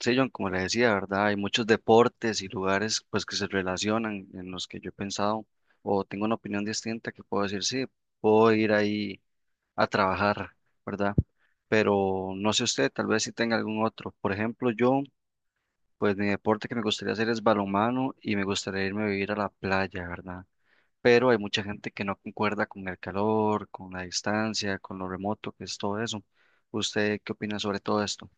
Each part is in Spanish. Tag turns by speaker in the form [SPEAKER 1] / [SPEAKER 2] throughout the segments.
[SPEAKER 1] Sí, John, como le decía, ¿verdad? Hay muchos deportes y lugares pues que se relacionan en los que yo he pensado o tengo una opinión distinta que puedo decir, sí, puedo ir ahí a trabajar, ¿verdad? Pero no sé usted, tal vez si tenga algún otro. Por ejemplo, yo, pues mi deporte que me gustaría hacer es balonmano y me gustaría irme a vivir a la playa, ¿verdad? Pero hay mucha gente que no concuerda con el calor, con la distancia, con lo remoto que es todo eso. ¿Usted qué opina sobre todo esto?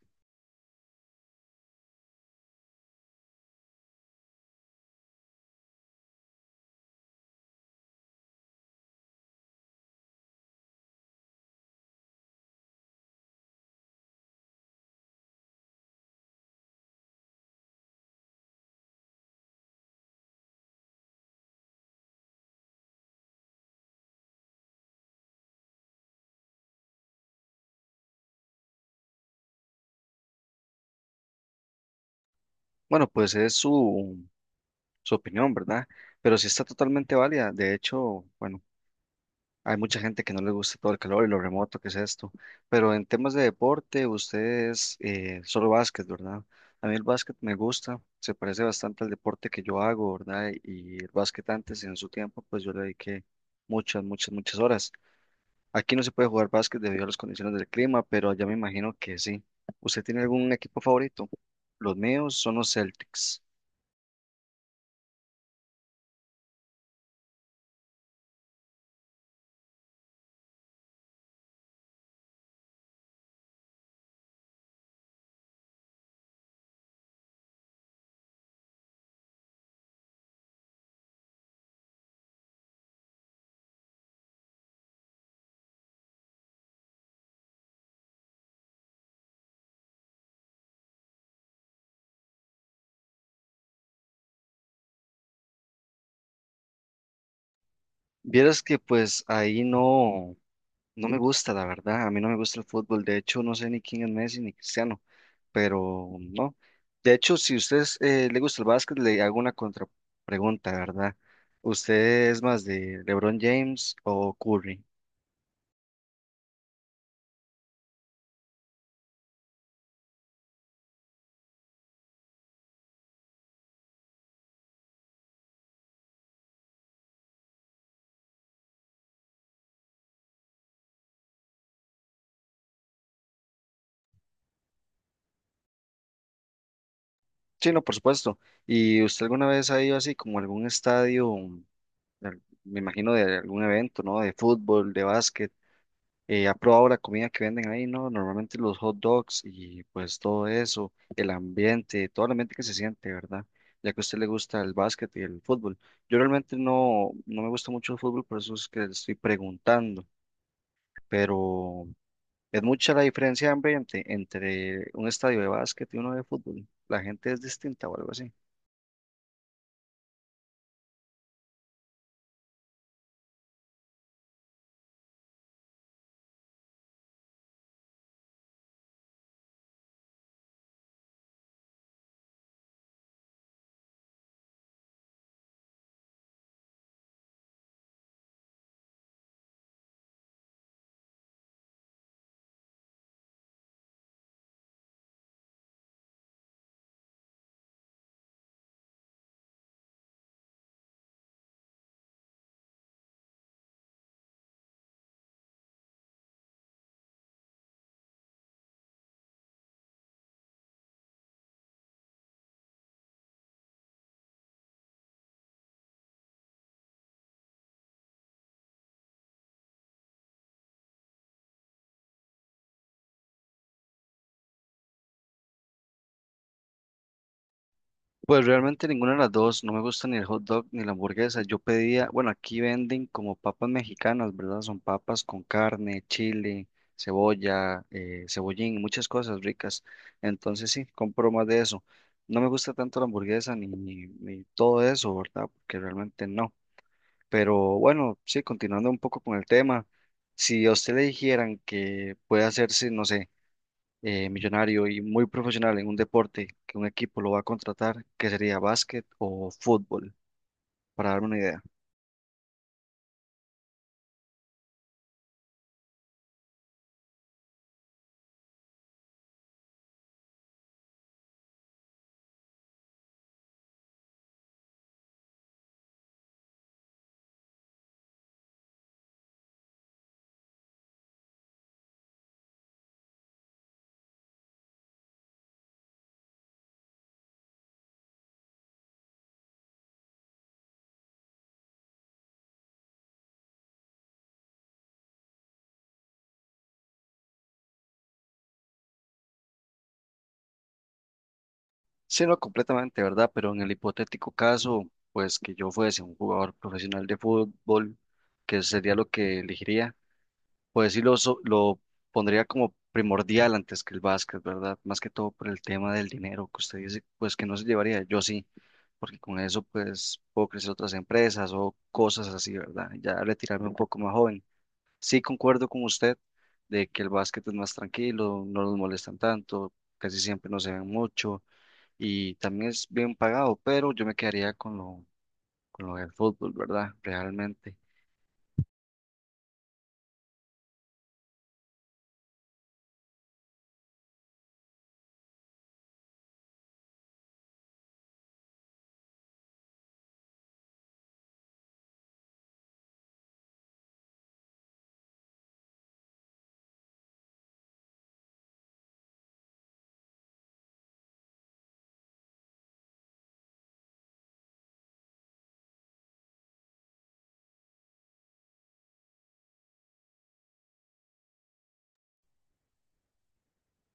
[SPEAKER 1] Bueno, pues es su opinión, ¿verdad? Pero sí está totalmente válida. De hecho, bueno, hay mucha gente que no les gusta todo el calor y lo remoto que es esto. Pero en temas de deporte, ustedes solo básquet, ¿verdad? A mí el básquet me gusta, se parece bastante al deporte que yo hago, ¿verdad? Y el básquet antes, en su tiempo, pues yo le dediqué muchas, muchas, muchas horas. Aquí no se puede jugar básquet debido a las condiciones del clima, pero allá me imagino que sí. ¿Usted tiene algún equipo favorito? Los míos son los Celtics. Vieras que pues ahí no. No me gusta, la verdad. A mí no me gusta el fútbol. De hecho, no sé ni quién es Messi ni Cristiano, pero no. De hecho, si a usted le gusta el básquet, le hago una contrapregunta, ¿verdad? ¿Usted es más de LeBron James o Curry? Sí, no, por supuesto. ¿Y usted alguna vez ha ido así como a algún estadio, me imagino de algún evento, ¿no? ¿De fútbol, de básquet? ¿Ha probado la comida que venden ahí? No, normalmente los hot dogs y pues todo eso, el ambiente, todo el ambiente que se siente, ¿verdad? Ya que a usted le gusta el básquet y el fútbol. Yo realmente no, no me gusta mucho el fútbol, por eso es que le estoy preguntando, pero es mucha la diferencia de ambiente entre un estadio de básquet y uno de fútbol. La gente es distinta o algo así. Pues realmente ninguna de las dos, no me gusta ni el hot dog ni la hamburguesa. Yo pedía, bueno, aquí venden como papas mexicanas, ¿verdad? Son papas con carne, chile, cebolla, cebollín, muchas cosas ricas. Entonces sí, compro más de eso. No me gusta tanto la hamburguesa ni todo eso, ¿verdad? Porque realmente no. Pero bueno, sí, continuando un poco con el tema, si a usted le dijeran que puede hacerse, no sé millonario y muy profesional en un deporte que un equipo lo va a contratar, que sería básquet o fútbol, para darme una idea. Sí, no completamente, ¿verdad? Pero en el hipotético caso, pues que yo fuese un jugador profesional de fútbol, que sería lo que elegiría, pues sí lo pondría como primordial antes que el básquet, ¿verdad? Más que todo por el tema del dinero que usted dice, pues que no se llevaría, yo sí, porque con eso pues puedo crecer otras empresas o cosas así, ¿verdad? Ya retirarme un poco más joven. Sí, concuerdo con usted de que el básquet es más tranquilo, no los molestan tanto, casi siempre no se ven mucho y también es bien pagado, pero yo me quedaría con lo del fútbol, ¿verdad? Realmente.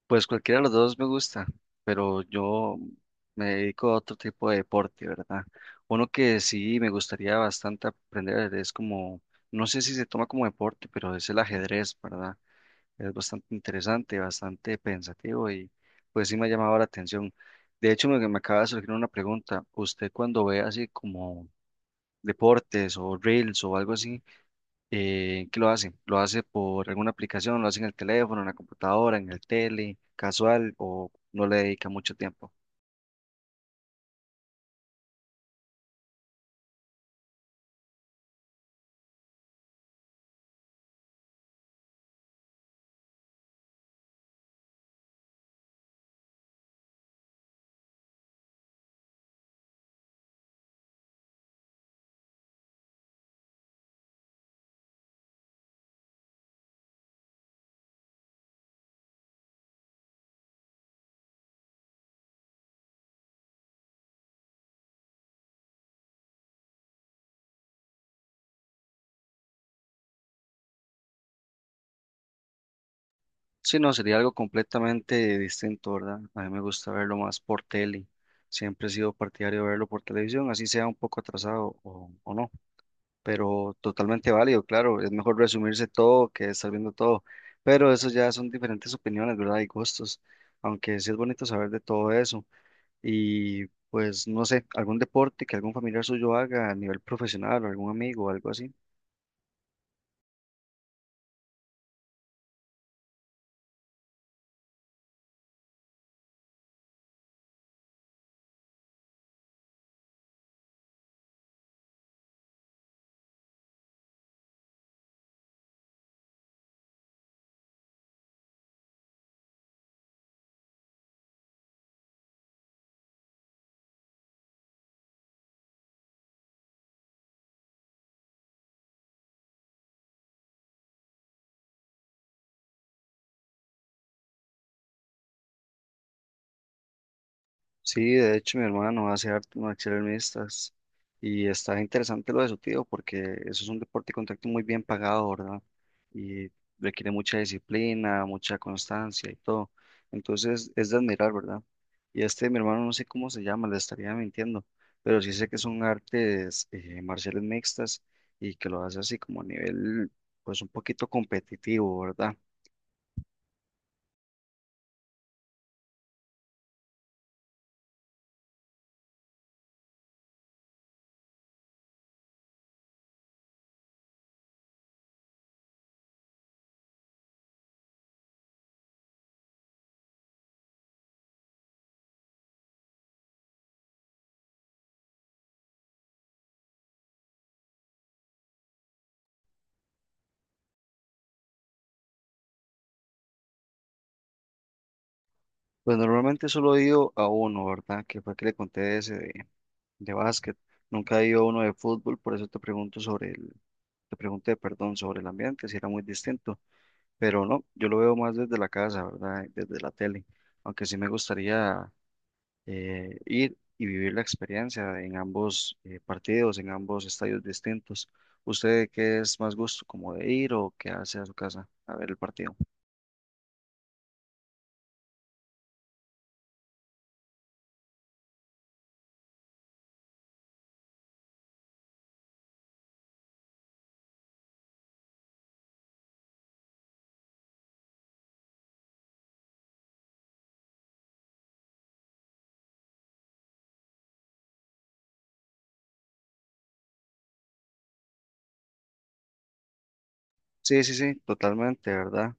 [SPEAKER 1] Pues cualquiera de los dos me gusta, pero yo me dedico a otro tipo de deporte, ¿verdad? Uno que sí me gustaría bastante aprender es como, no sé si se toma como deporte, pero es el ajedrez, ¿verdad? Es bastante interesante, bastante pensativo y pues sí me ha llamado la atención. De hecho, me acaba de surgir una pregunta. ¿Usted cuando ve así como deportes o reels o algo así, qué lo hace? ¿Lo hace por alguna aplicación? ¿Lo hace en el teléfono, en la computadora, en el tele, casual o no le dedica mucho tiempo? Sí, no, sería algo completamente distinto, ¿verdad? A mí me gusta verlo más por tele. Siempre he sido partidario de verlo por televisión, así sea un poco atrasado o no. Pero totalmente válido, claro, es mejor resumirse todo que estar viendo todo, pero eso ya son diferentes opiniones, ¿verdad? Y gustos, aunque sí es bonito saber de todo eso. Y pues no sé, algún deporte que algún familiar suyo haga a nivel profesional o algún amigo o algo así. Sí, de hecho mi hermano hace artes marciales mixtas y está interesante lo de su tío porque eso es un deporte de contacto muy bien pagado, ¿verdad? Y requiere mucha disciplina, mucha constancia y todo. Entonces es de admirar, ¿verdad? Y este mi hermano no sé cómo se llama, le estaría mintiendo, pero sí sé que son artes marciales mixtas y que lo hace así como a nivel pues un poquito competitivo, ¿verdad? Pues normalmente solo he ido a uno, ¿verdad? Que fue que le conté ese día de básquet. Nunca he ido a uno de fútbol, por eso te pregunté, perdón, sobre el ambiente, si era muy distinto, pero no, yo lo veo más desde la casa, ¿verdad? Desde la tele, aunque sí me gustaría ir y vivir la experiencia en ambos partidos, en ambos estadios distintos. ¿Usted qué es más gusto, como de ir o qué hace a su casa a ver el partido? Sí, sí, sí, totalmente, ¿verdad?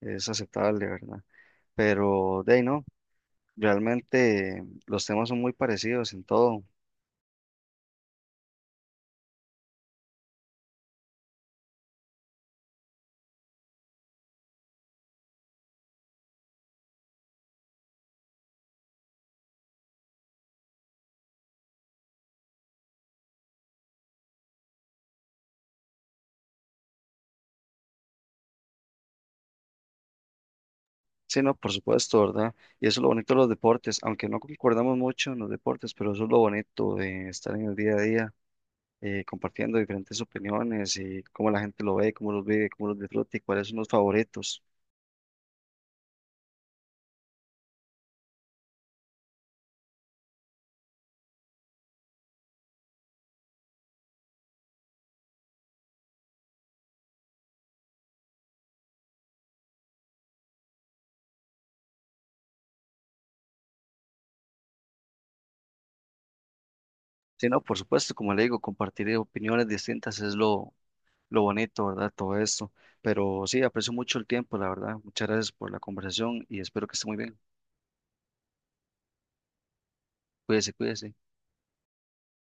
[SPEAKER 1] Es aceptable, ¿verdad? Pero de ahí no. Realmente los temas son muy parecidos en todo. Sí, no, por supuesto, ¿verdad? Y eso es lo bonito de los deportes, aunque no concordamos mucho en los deportes, pero eso es lo bonito de estar en el día a día, compartiendo diferentes opiniones y cómo la gente lo ve, cómo los vive, cómo los disfruta y cuáles son los favoritos. Sí, no, por supuesto, como le digo, compartir opiniones distintas es lo bonito, ¿verdad? Todo esto. Pero sí, aprecio mucho el tiempo, la verdad. Muchas gracias por la conversación y espero que esté muy bien. Cuídese, cuídese.